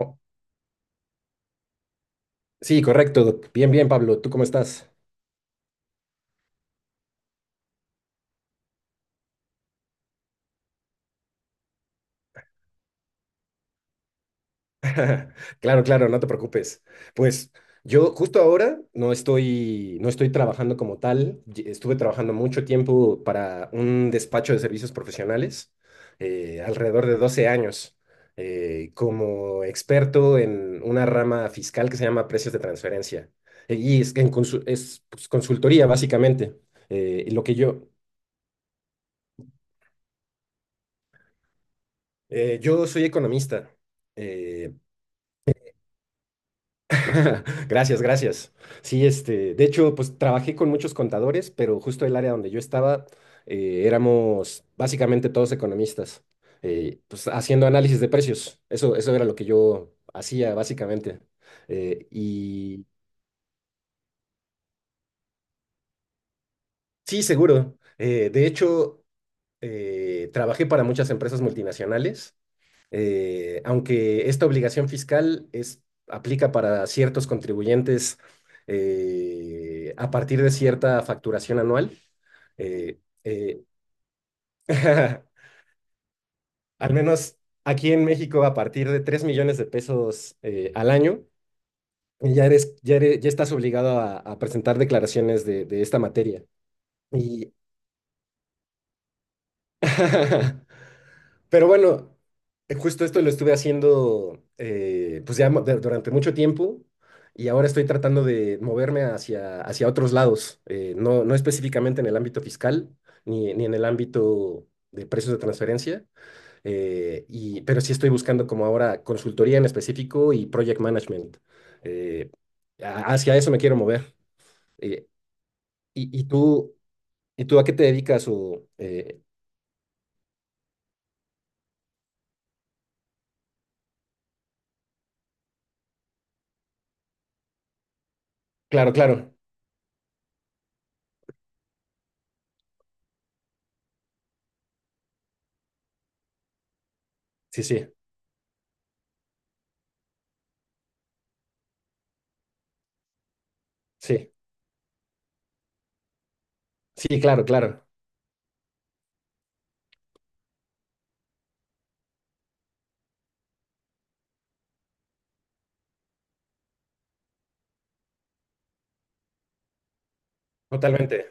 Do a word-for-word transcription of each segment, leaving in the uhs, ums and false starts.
Oh, sí, correcto. Bien, bien, Pablo. ¿Tú cómo estás? Claro, claro, no te preocupes. Pues yo justo ahora no estoy, no estoy trabajando como tal. Ye- Estuve trabajando mucho tiempo para un despacho de servicios profesionales, eh, alrededor de doce años, eh, como experto en una rama fiscal que se llama precios de transferencia. Eh, Y es, que en consu- es, pues, consultoría, básicamente. Eh, lo que yo, eh, yo soy economista. eh, Gracias, gracias. Sí, este, de hecho, pues trabajé con muchos contadores, pero justo el área donde yo estaba, eh, éramos básicamente todos economistas, eh, pues haciendo análisis de precios. Eso, eso era lo que yo hacía básicamente. Eh, y sí, seguro. Eh, de hecho, eh, trabajé para muchas empresas multinacionales, eh, aunque esta obligación fiscal es, aplica para ciertos contribuyentes eh, a partir de cierta facturación anual. eh, eh, Al menos aquí en México, a partir de tres millones de pesos eh, al año, ya eres, ya eres- ya estás obligado a, a presentar declaraciones de, de esta materia. Y Pero bueno, eh, justo esto lo estuve haciendo, eh, pues ya mo- de- durante mucho tiempo, y ahora estoy tratando de moverme hacia, hacia otros lados, eh, no, no específicamente en el ámbito fiscal ni, ni en el ámbito de precios de transferencia, eh, y, pero sí estoy buscando como ahora consultoría en específico y project management. eh, a- Hacia eso me quiero mover. Eh, y, y tú, ¿Y tú a qué te dedicas? O, eh, claro, claro, sí, sí, sí, sí, claro, claro. Totalmente,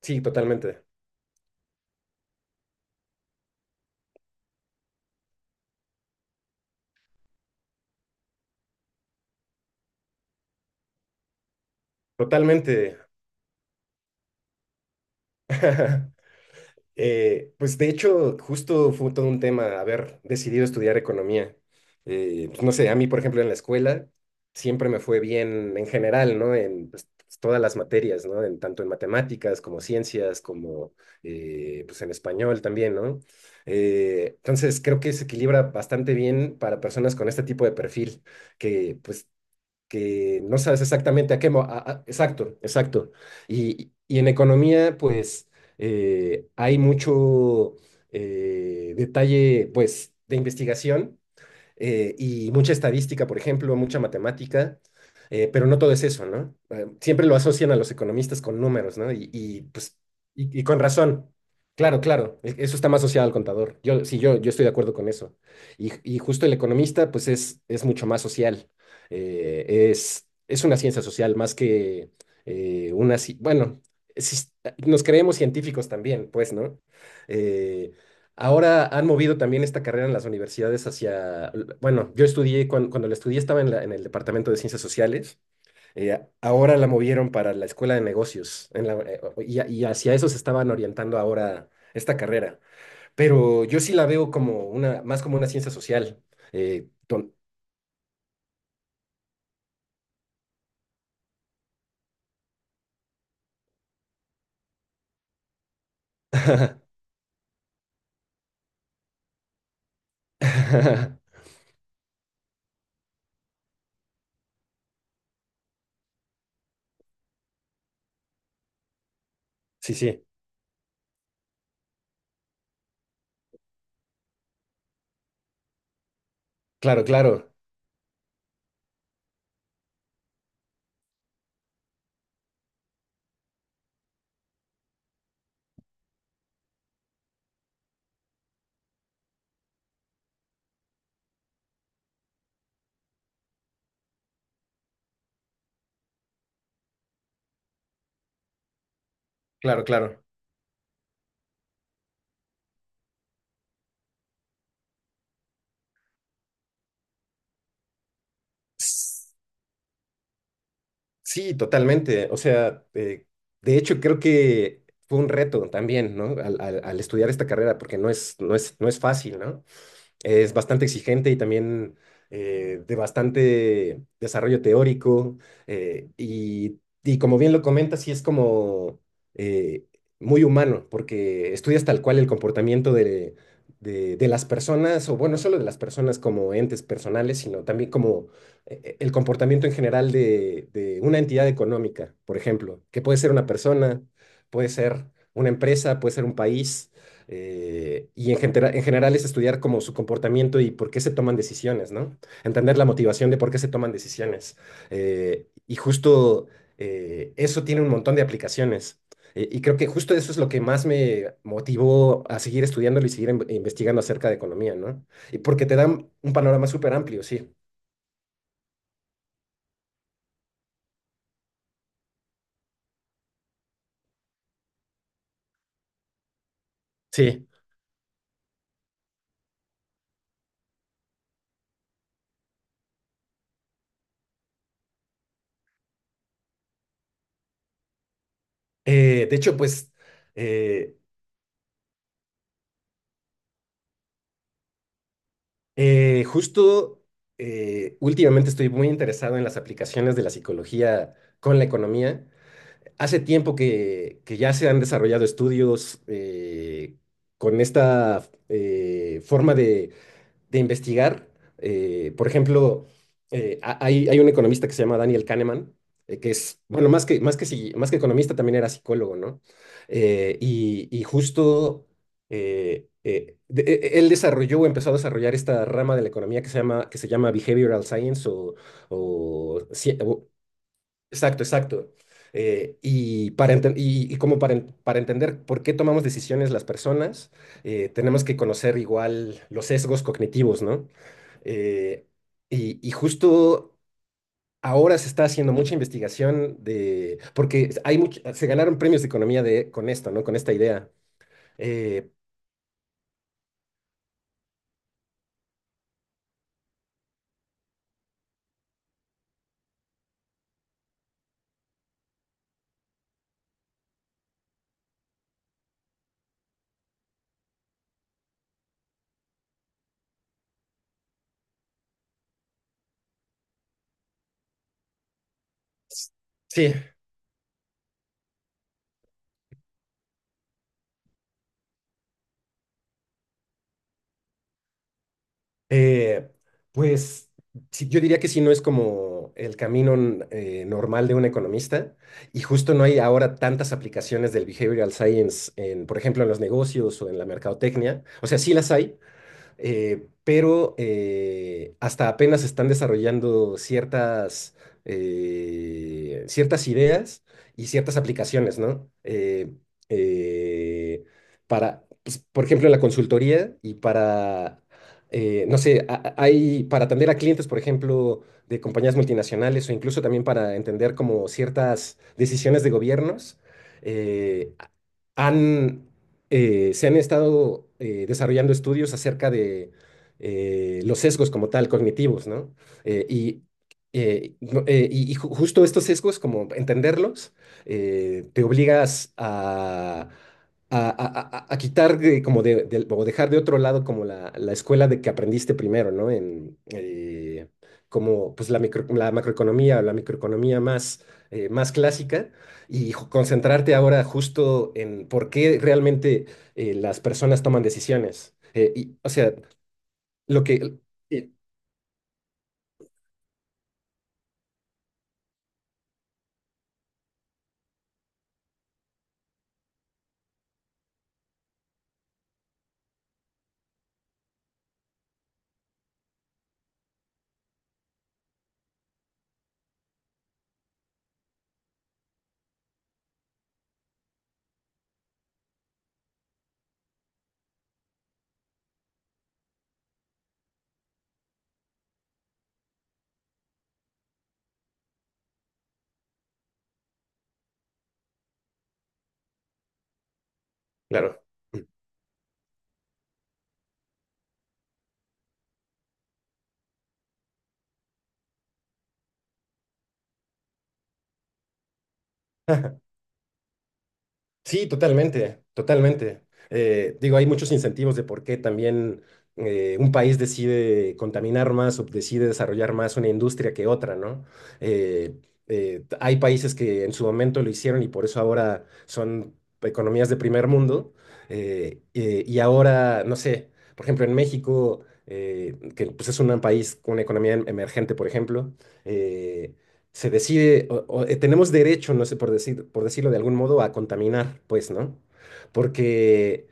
sí, totalmente, totalmente. Eh, pues de hecho, justo fue todo un tema haber decidido estudiar economía. Eh, pues no sé, a mí, por ejemplo, en la escuela siempre me fue bien en general, ¿no? En, pues, todas las materias, ¿no? En, tanto en matemáticas como ciencias, como eh, pues en español también, ¿no? Eh, entonces, creo que se equilibra bastante bien para personas con este tipo de perfil, que pues que no sabes exactamente a qué mo- a- a- exacto, exacto. Y, y en economía, pues eh, hay mucho eh, detalle, pues, de investigación, eh, y mucha estadística, por ejemplo, mucha matemática, eh, pero no todo es eso, ¿no? Eh, siempre lo asocian a los economistas con números, ¿no? Y, y, pues, y, y con razón. Claro, claro, e- eso está más asociado al contador. Yo, sí, yo, yo estoy de acuerdo con eso. Y, y justo el economista, pues es, es mucho más social. Eh, es, es una ciencia social más que eh, una... ci- Bueno, sí, nos creemos científicos también, pues, ¿no? Eh, Ahora han movido también esta carrera en las universidades hacia, bueno, yo estudié, cuan- cuando, la estudié, estaba en, la- en el Departamento de Ciencias Sociales, eh, ahora la movieron para la Escuela de Negocios en la- eh, o- y, a- y hacia eso se estaban orientando ahora esta carrera, pero yo sí la veo como una, más como una ciencia social. eh, ton- Sí, sí, claro, claro, claro, claro. Sí, totalmente. O sea, eh, de hecho creo que fue un reto también, ¿no? Al, al- al estudiar esta carrera, porque no es, no es, no es fácil, ¿no? Es bastante exigente y también eh, de bastante desarrollo teórico. Eh, y, y como bien lo comentas, sí es como eh, muy humano, porque estudias tal cual el comportamiento de, de, de las personas, o bueno, no solo de las personas como entes personales, sino también como eh, eh, el comportamiento en general de, de una entidad económica, por ejemplo, que puede ser una persona, puede ser una empresa, puede ser un país. Eh, y en, genera- en general es estudiar como su comportamiento y por qué se toman decisiones, ¿no? Entender la motivación de por qué se toman decisiones. Eh, y justo eh, Eso tiene un montón de aplicaciones. Eh, y creo que justo eso es lo que más me motivó a seguir estudiándolo y seguir in- investigando acerca de economía, ¿no? Y porque te dan un panorama súper amplio, sí. Sí. Eh, de hecho, pues... eh, Eh, justo eh, Últimamente estoy muy interesado en las aplicaciones de la psicología con la economía. Hace tiempo que, que ya se han desarrollado estudios, eh, con esta, eh, forma de investigar. Eh, por ejemplo, eh, ha- hay, hay un economista que se llama Daniel Kahneman, eh, que es, bueno, más que, más que, psiqui- más que economista también era psicólogo, ¿no? Eh, y, y justo eh, eh, de- e- Él desarrolló o empezó a desarrollar esta rama de la economía que se llama, que se llama behavioral science o, o ci- o Exacto, exacto. Eh, y, para enten- y, y como para, en- para entender por qué tomamos decisiones las personas, eh, tenemos que conocer igual los sesgos cognitivos, ¿no? Eh, y, y justo Ahora se está haciendo mucha investigación de, porque hay much- se ganaron premios de economía de, con esto, ¿no? Con esta idea. Eh, sí. Eh, pues sí, yo diría que sí, no es como el camino n- eh, normal de un economista, y justo no hay ahora tantas aplicaciones del behavioral science en, por ejemplo, en los negocios o en la mercadotecnia. O sea, sí las hay, eh, pero eh, hasta apenas están desarrollando ciertas, eh, ciertas ideas y ciertas aplicaciones, ¿no? Eh, eh, para, pues, por ejemplo, en la consultoría y para, eh, no sé, a- a- hay para atender a clientes, por ejemplo, de compañías multinacionales o incluso también para entender como ciertas decisiones de gobiernos. eh, han, eh, Se han estado, eh, desarrollando estudios acerca de eh, los sesgos como tal, cognitivos, ¿no? Eh, y, eh, no- eh, y- y ju- Justo estos sesgos, como entenderlos, eh, te obligas a a, a- a- a quitar, eh, como de, del- o dejar de otro lado como la, la escuela de que aprendiste primero, ¿no? En, eh, como pues la, micro- la macroeconomía, la microeconomía más, eh, más clásica, y ju- concentrarte ahora justo en por qué realmente eh, las personas toman decisiones. Eh, y, o sea, lo que... eh, claro. Sí, totalmente, totalmente. Eh, digo, hay muchos incentivos de por qué también eh, un país decide contaminar más o decide desarrollar más una industria que otra, ¿no? Eh, eh, t- Hay países que en su momento lo hicieron y por eso ahora son economías de primer mundo. Eh, eh, y ahora, no sé, por ejemplo, en México, eh, que pues, es un país con una economía em- emergente, por ejemplo, eh, se decide, o- o, eh, tenemos derecho, no sé, por decir, por decirlo de algún modo, a contaminar, pues, ¿no? Porque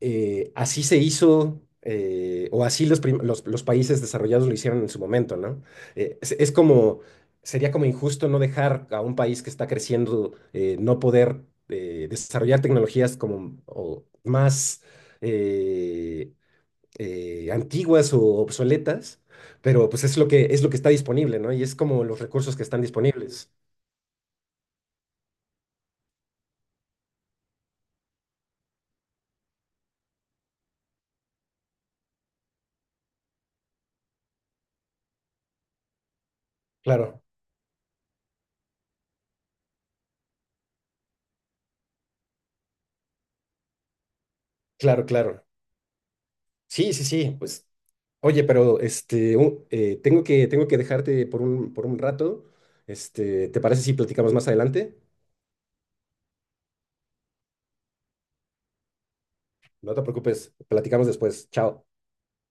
eh, así se hizo, eh, o así los, prim- los, los países desarrollados lo hicieron en su momento, ¿no? Eh, es, es como, sería como injusto no dejar a un país que está creciendo, eh, no poder eh, desarrollar tecnologías como o más... eh, eh, antiguas o obsoletas, pero pues es lo que es lo que está disponible, ¿no? Y es como los recursos que están disponibles. Claro, claro, claro. Sí, sí, sí, pues. Oye, pero este u- eh, tengo que tengo que dejarte por un por un rato. Este, ¿te parece si platicamos más adelante? No te preocupes, platicamos después. Chao.